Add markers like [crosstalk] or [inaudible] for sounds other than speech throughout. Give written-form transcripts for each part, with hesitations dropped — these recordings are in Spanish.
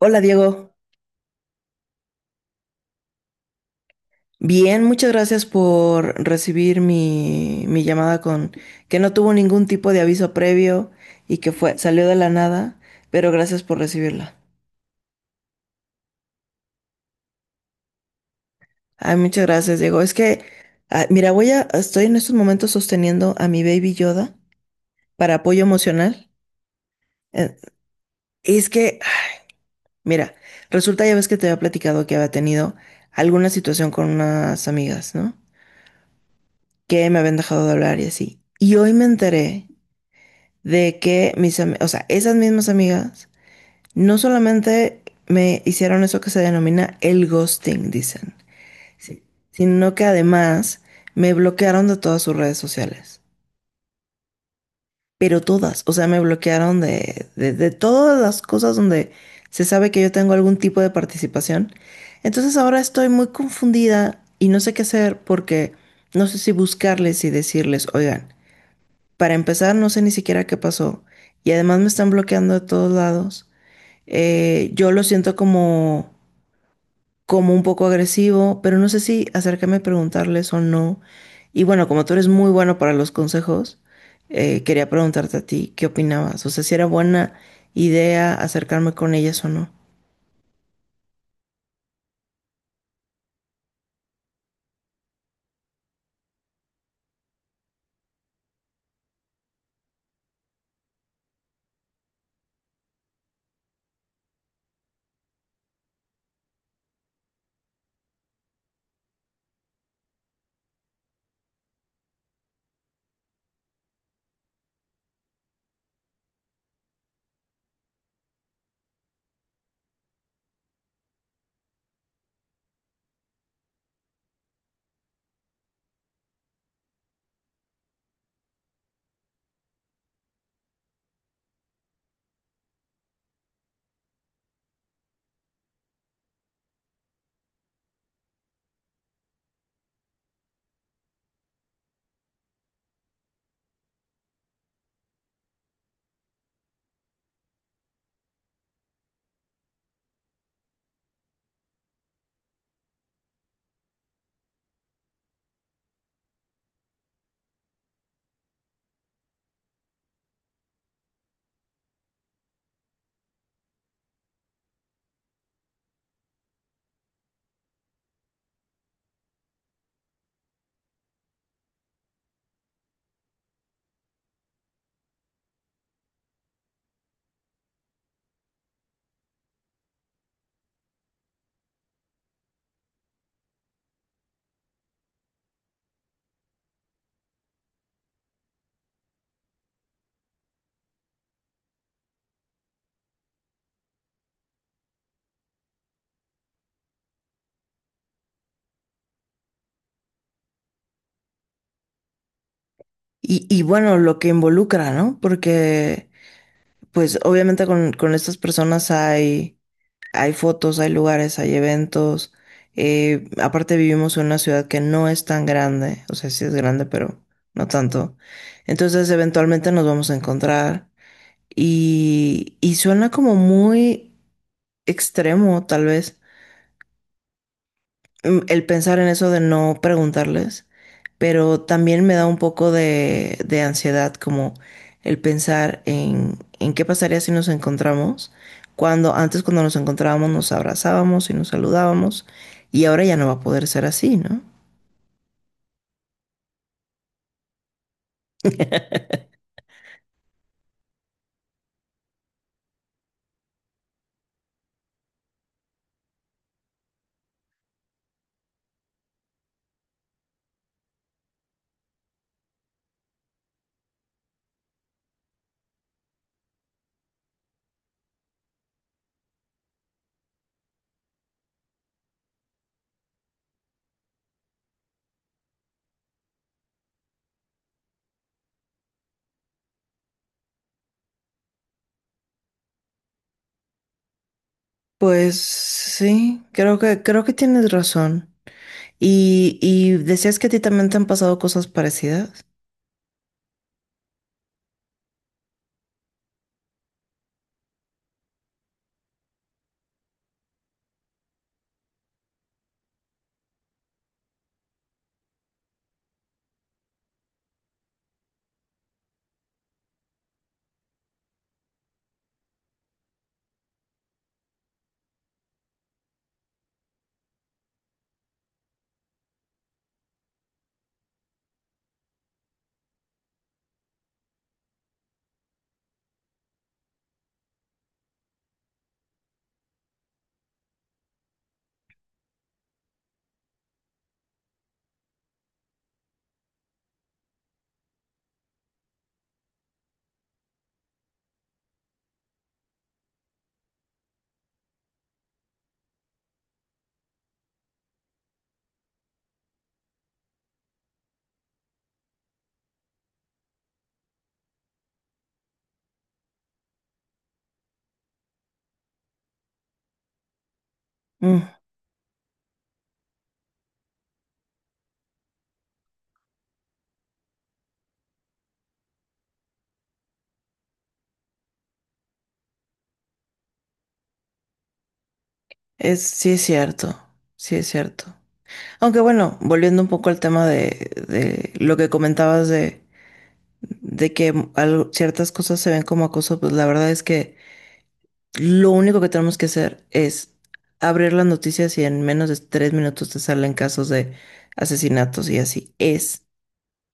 Hola Diego, bien, muchas gracias por recibir mi llamada con que no tuvo ningún tipo de aviso previo y que salió de la nada, pero gracias por recibirla. Ay, muchas gracias Diego. Es que, ah, mira, voy a, Estoy en estos momentos sosteniendo a mi baby Yoda para apoyo emocional. Eh, Es que, ah, mira, Resulta ya ves que te había platicado que había tenido alguna situación con unas amigas, ¿no? Que me habían dejado de hablar y así. Y hoy me enteré de que o sea, esas mismas amigas no solamente me hicieron eso que se denomina el ghosting, dicen, sí, sino que además me bloquearon de todas sus redes sociales. Pero todas, o sea, me bloquearon de todas las cosas donde se sabe que yo tengo algún tipo de participación. Entonces ahora estoy muy confundida y no sé qué hacer porque no sé si buscarles y decirles, oigan, para empezar, no sé ni siquiera qué pasó. Y además me están bloqueando de todos lados. Yo lo siento como un poco agresivo, pero no sé si acercarme a preguntarles o no. Y bueno, como tú eres muy bueno para los consejos, quería preguntarte a ti qué opinabas. O sea, si era buena idea acercarme con ellas o no. Y bueno, lo que involucra, ¿no? Porque pues obviamente con estas personas hay hay fotos, hay lugares, hay eventos. Aparte vivimos en una ciudad que no es tan grande, o sea, sí es grande, pero no tanto. Entonces, eventualmente nos vamos a encontrar y suena como muy extremo, tal vez, el pensar en eso de no preguntarles, pero también me da un poco de ansiedad, como el pensar en qué pasaría si nos encontramos, cuando antes cuando nos encontrábamos nos abrazábamos y nos saludábamos, y ahora ya no va a poder ser así, ¿no? Pues sí, creo que tienes razón. Y decías que a ti también te han pasado cosas parecidas. Mm, sí es cierto, sí es cierto. Aunque bueno, volviendo un poco al tema de lo que comentabas de que ciertas cosas se ven como acoso, pues la verdad es que lo único que tenemos que hacer es abrir las noticias y en menos de 3 minutos te salen casos de asesinatos y así es.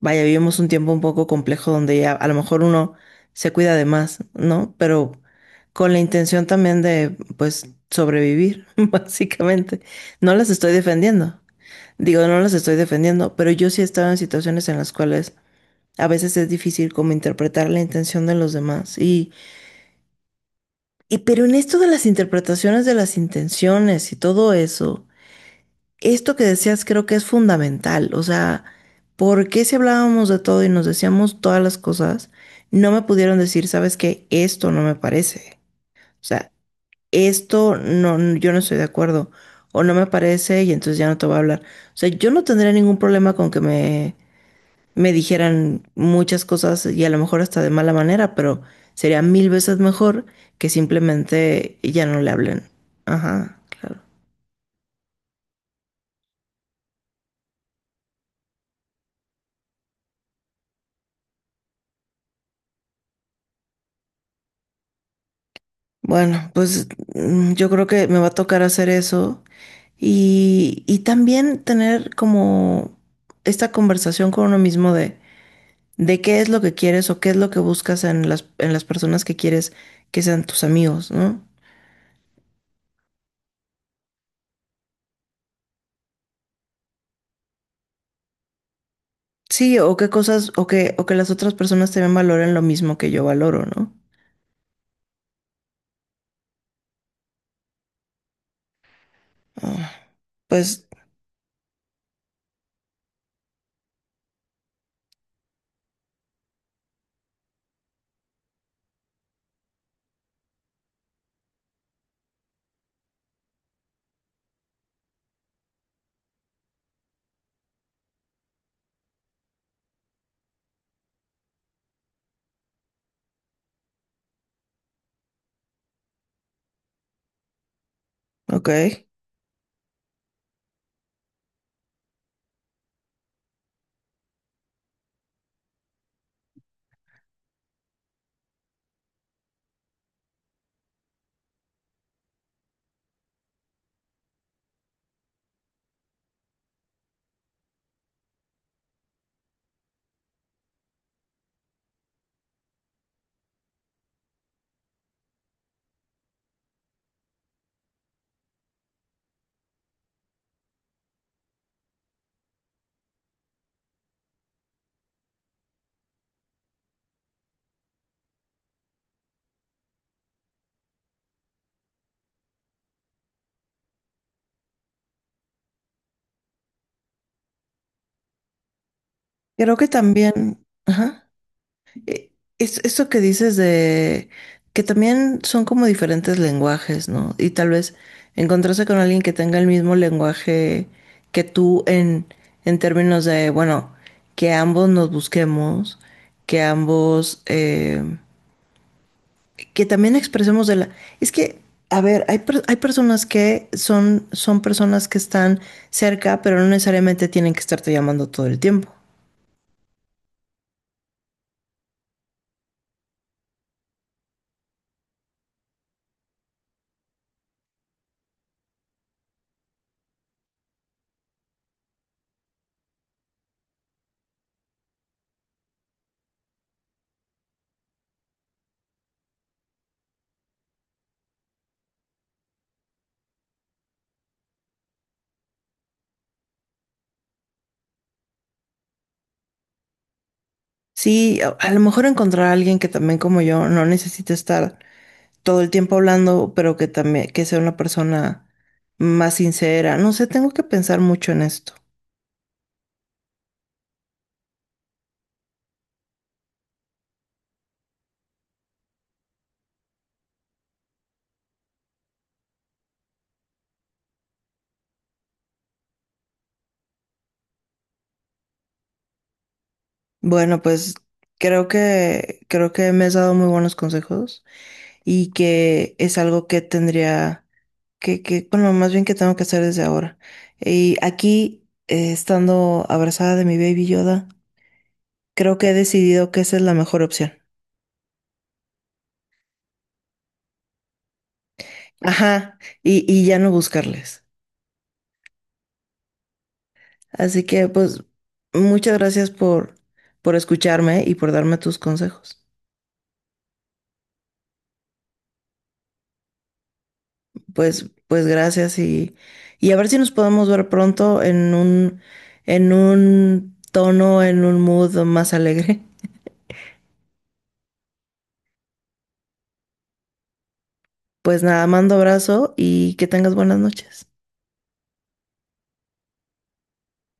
Vaya, vivimos un tiempo un poco complejo donde ya a lo mejor uno se cuida de más, ¿no? Pero con la intención también de pues sobrevivir, [laughs] básicamente. No las estoy defendiendo. Digo, no las estoy defendiendo, pero yo sí he estado en situaciones en las cuales a veces es difícil como interpretar la intención de los demás. Pero en esto de las interpretaciones de las intenciones y todo eso, esto que decías creo que es fundamental. O sea, ¿por qué si hablábamos de todo y nos decíamos todas las cosas, no me pudieron decir, sabes qué, esto no me parece? O sea, esto no, yo no estoy de acuerdo. O no me parece y entonces ya no te voy a hablar. O sea, yo no tendría ningún problema con que me dijeran muchas cosas y a lo mejor hasta de mala manera, pero sería mil veces mejor que simplemente ya no le hablen. Ajá, claro. Bueno, pues yo creo que me va a tocar hacer eso y también tener como esta conversación con uno mismo de qué es lo que quieres o qué es lo que buscas en en las personas que quieres que sean tus amigos, ¿no? Sí, o qué cosas, o que las otras personas también valoren lo mismo que yo valoro, ¿no? Ah, pues, ok. Creo que también, ajá. E- Esto que dices de que también son como diferentes lenguajes, ¿no? Y tal vez encontrarse con alguien que tenga el mismo lenguaje que tú en términos de, bueno, que ambos nos busquemos, que ambos, que también expresemos de la... Es que, a ver, hay personas que son, son personas que están cerca, pero no necesariamente tienen que estarte llamando todo el tiempo. Sí, a lo mejor encontrar a alguien que también como yo no necesite estar todo el tiempo hablando, pero que también, que sea una persona más sincera. No sé, tengo que pensar mucho en esto. Bueno, pues creo que me has dado muy buenos consejos y que es algo que tendría que, bueno, más bien que tengo que hacer desde ahora. Y aquí, estando abrazada de mi baby Yoda, creo que he decidido que esa es la mejor opción. Ajá, y ya no buscarles. Así que pues muchas gracias por escucharme y por darme tus consejos. Pues gracias y a ver si nos podemos ver pronto en en un tono, en un mood más alegre. Pues nada, mando abrazo y que tengas buenas noches.